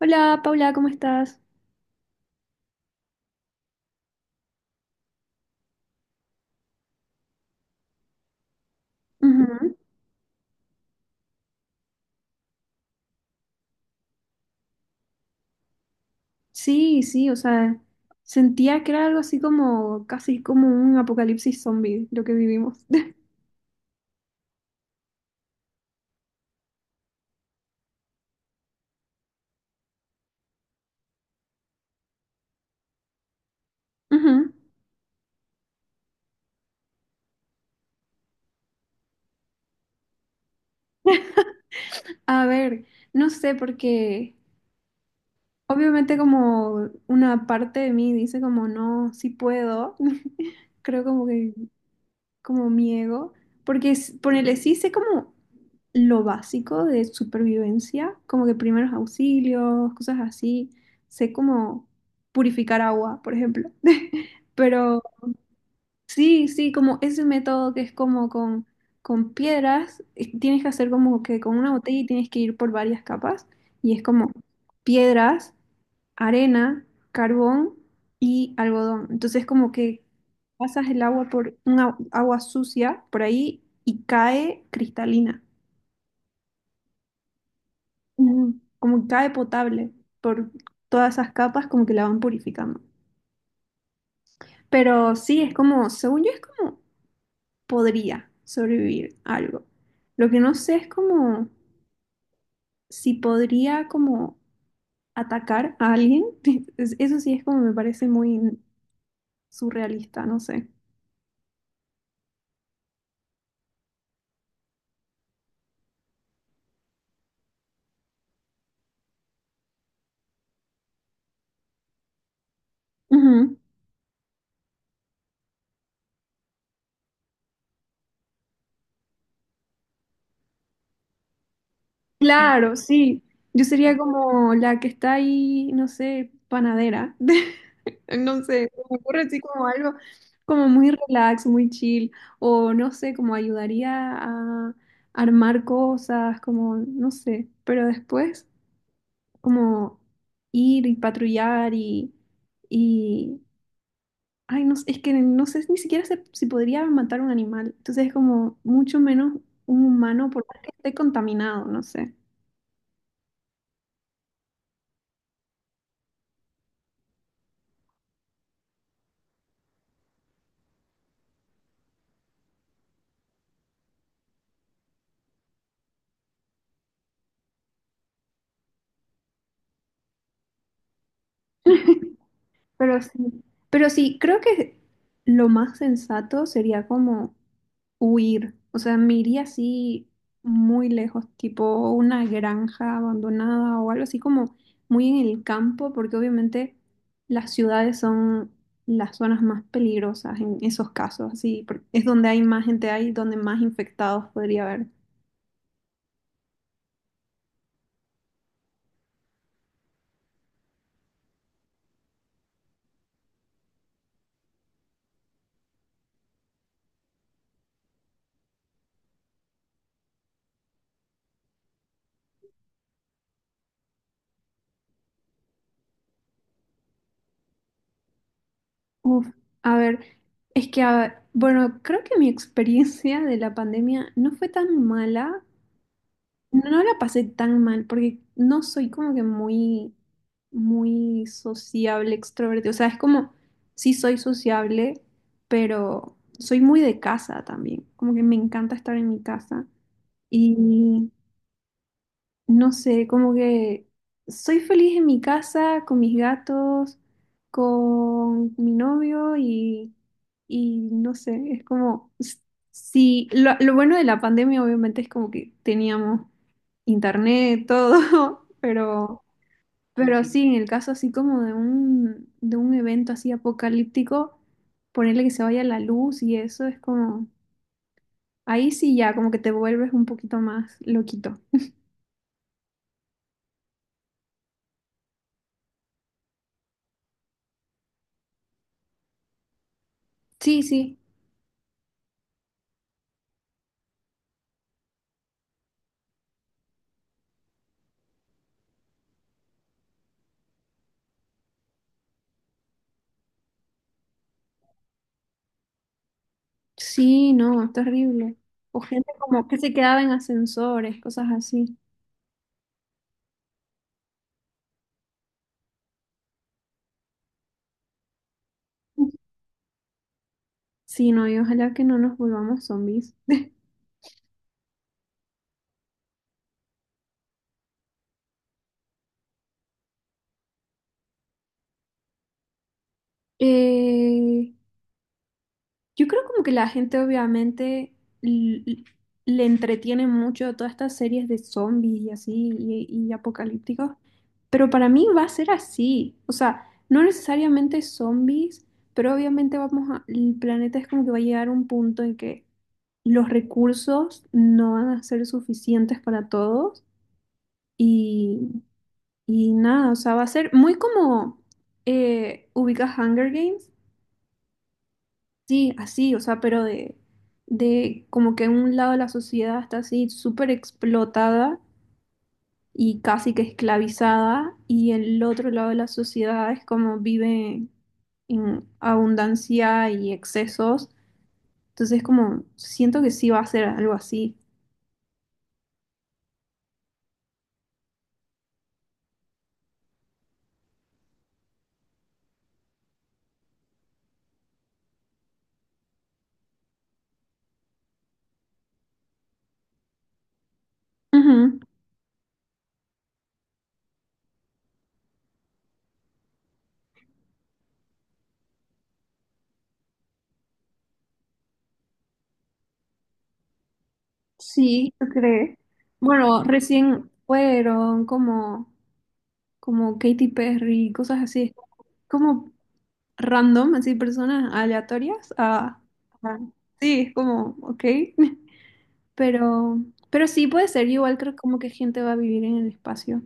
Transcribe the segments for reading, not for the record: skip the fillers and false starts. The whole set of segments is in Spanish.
Hola, Paula, ¿cómo estás? Ujú. Sí, sí, o sea, sentía que era algo así como, casi como un apocalipsis zombie lo que vivimos. Ujú. A ver, no sé, porque obviamente como una parte de mí dice como, no, sí puedo. Creo como que como mi ego, porque ponele, sí sé como lo básico de supervivencia, como que primeros auxilios, cosas así, sé como purificar agua, por ejemplo. Pero sí, sí, como ese método que es como con piedras, tienes que hacer como que con una botella y tienes que ir por varias capas, y es como piedras, arena, carbón y algodón. Entonces como que pasas el agua por una agua sucia por ahí y cae cristalina. Ujú. Como que cae potable por todas esas capas como que la van purificando. Pero sí, es como, según yo es como podría sobrevivir algo. Lo que no sé es como si podría como atacar a alguien. Eso sí es como me parece muy surrealista, no sé. Ujú. Claro, sí. Yo sería como la que está ahí, no sé, panadera. No sé, se me ocurre así como algo como muy relax, muy chill. O no sé, como ayudaría a armar cosas, como, no sé. Pero después, como ir y patrullar y... Ay, no sé, es que no sé ni siquiera si podría matar un animal. Entonces es como mucho menos un humano, por más que esté contaminado, no sé. Pero sí, pero sí, creo que lo más sensato sería como huir. O sea, me iría así muy lejos, tipo una granja abandonada o algo así como muy en el campo, porque obviamente las ciudades son las zonas más peligrosas en esos casos, así, es donde hay más gente, hay donde más infectados podría haber. Uf, a ver, es que, bueno, creo que mi experiencia de la pandemia no fue tan mala. No la pasé tan mal porque no soy como que muy, muy sociable, extrovertido. O sea, es como, sí soy sociable, pero soy muy de casa también. Como que me encanta estar en mi casa. Y no sé, como que soy feliz en mi casa, con mis gatos, con mi novio y no sé, es como, sí, lo bueno de la pandemia obviamente es como que teníamos internet, todo, pero, ujú, sí, en el caso así como de un evento así apocalíptico, ponerle que se vaya la luz y eso es como, ahí sí ya, como que te vuelves un poquito más loquito. Sí, sí, sí, no, es terrible. O gente como que se quedaba en ascensores, cosas así. Sí, no, y ojalá que no nos volvamos zombies. Eh, Yo creo como que la gente obviamente l- l- le entretiene mucho todas estas series de zombies y así y apocalípticos, pero para mí va a ser así, o sea, no necesariamente zombies, pero obviamente vamos a, el planeta es como que va a llegar a un punto en que los recursos no van a ser suficientes para todos y, y nada, o sea, va a ser muy como, ubicas Hunger Games. Sí, así, o sea, pero de como que un lado de la sociedad está así súper explotada y casi que esclavizada, y el otro lado de la sociedad es como vive en abundancia y excesos. Entonces, como siento que sí va a ser algo así. Ujú, sí, yo creo. Bueno, recién fueron como, como Katy Perry, cosas así. Como random, así personas aleatorias. A- sí, es como, ok. Pero, pero sí puede ser, yo igual creo como que gente va a vivir en el espacio.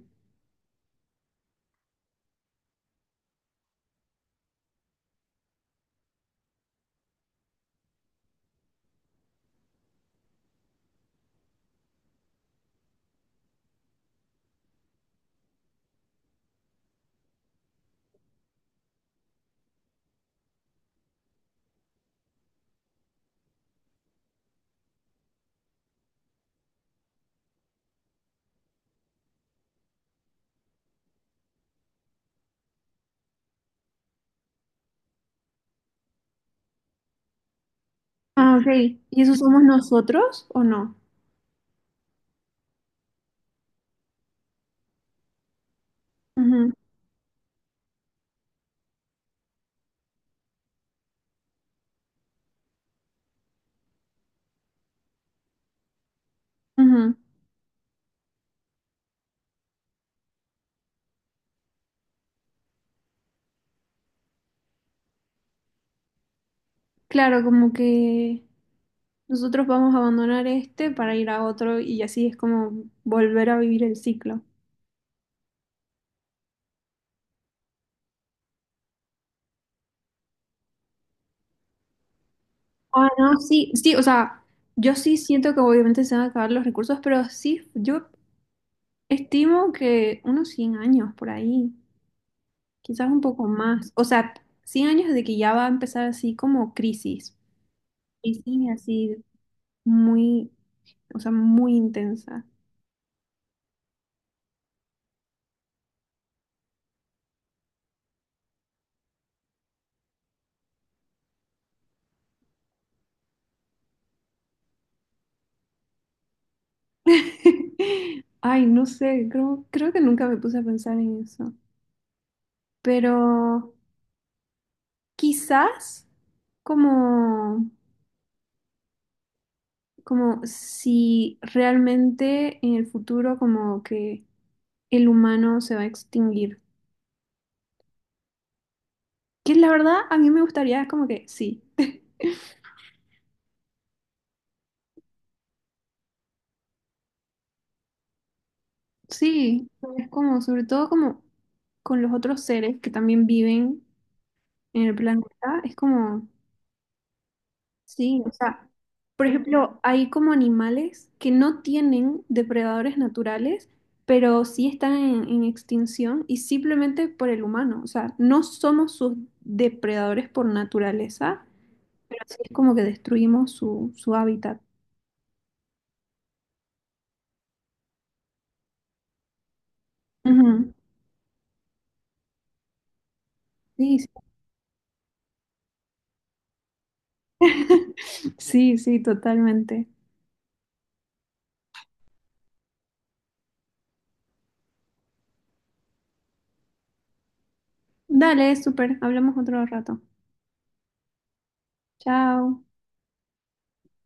Ah, ok. ¿Y eso somos nosotros o no? Ujú, ujú. Claro, como que nosotros vamos a abandonar este para ir a otro y así es como volver a vivir el ciclo. Ah, no, sí, sí, o sea, yo sí siento que obviamente se van a acabar los recursos, pero sí, yo estimo que unos 100 años por ahí. Quizás un poco más. O sea, 100 años de que ya va a empezar así como crisis. Crisis así muy, o sea, muy intensa. Ay, no sé, creo, creo que nunca me puse a pensar en eso. Pero quizás como, como si realmente en el futuro como que el humano se va a extinguir. Que la verdad a mí me gustaría como que sí. Sí, es como, sobre todo como con los otros seres que también viven en el planeta, es como, sí, o sea, por ejemplo, hay como animales que no tienen depredadores naturales, pero sí están en extinción y simplemente por el humano, o sea, no somos sus depredadores por naturaleza, pero sí es como que destruimos su, su hábitat. Ujú. Sí, sí, sí, sí, totalmente. Dale, súper, hablamos otro rato. Chao.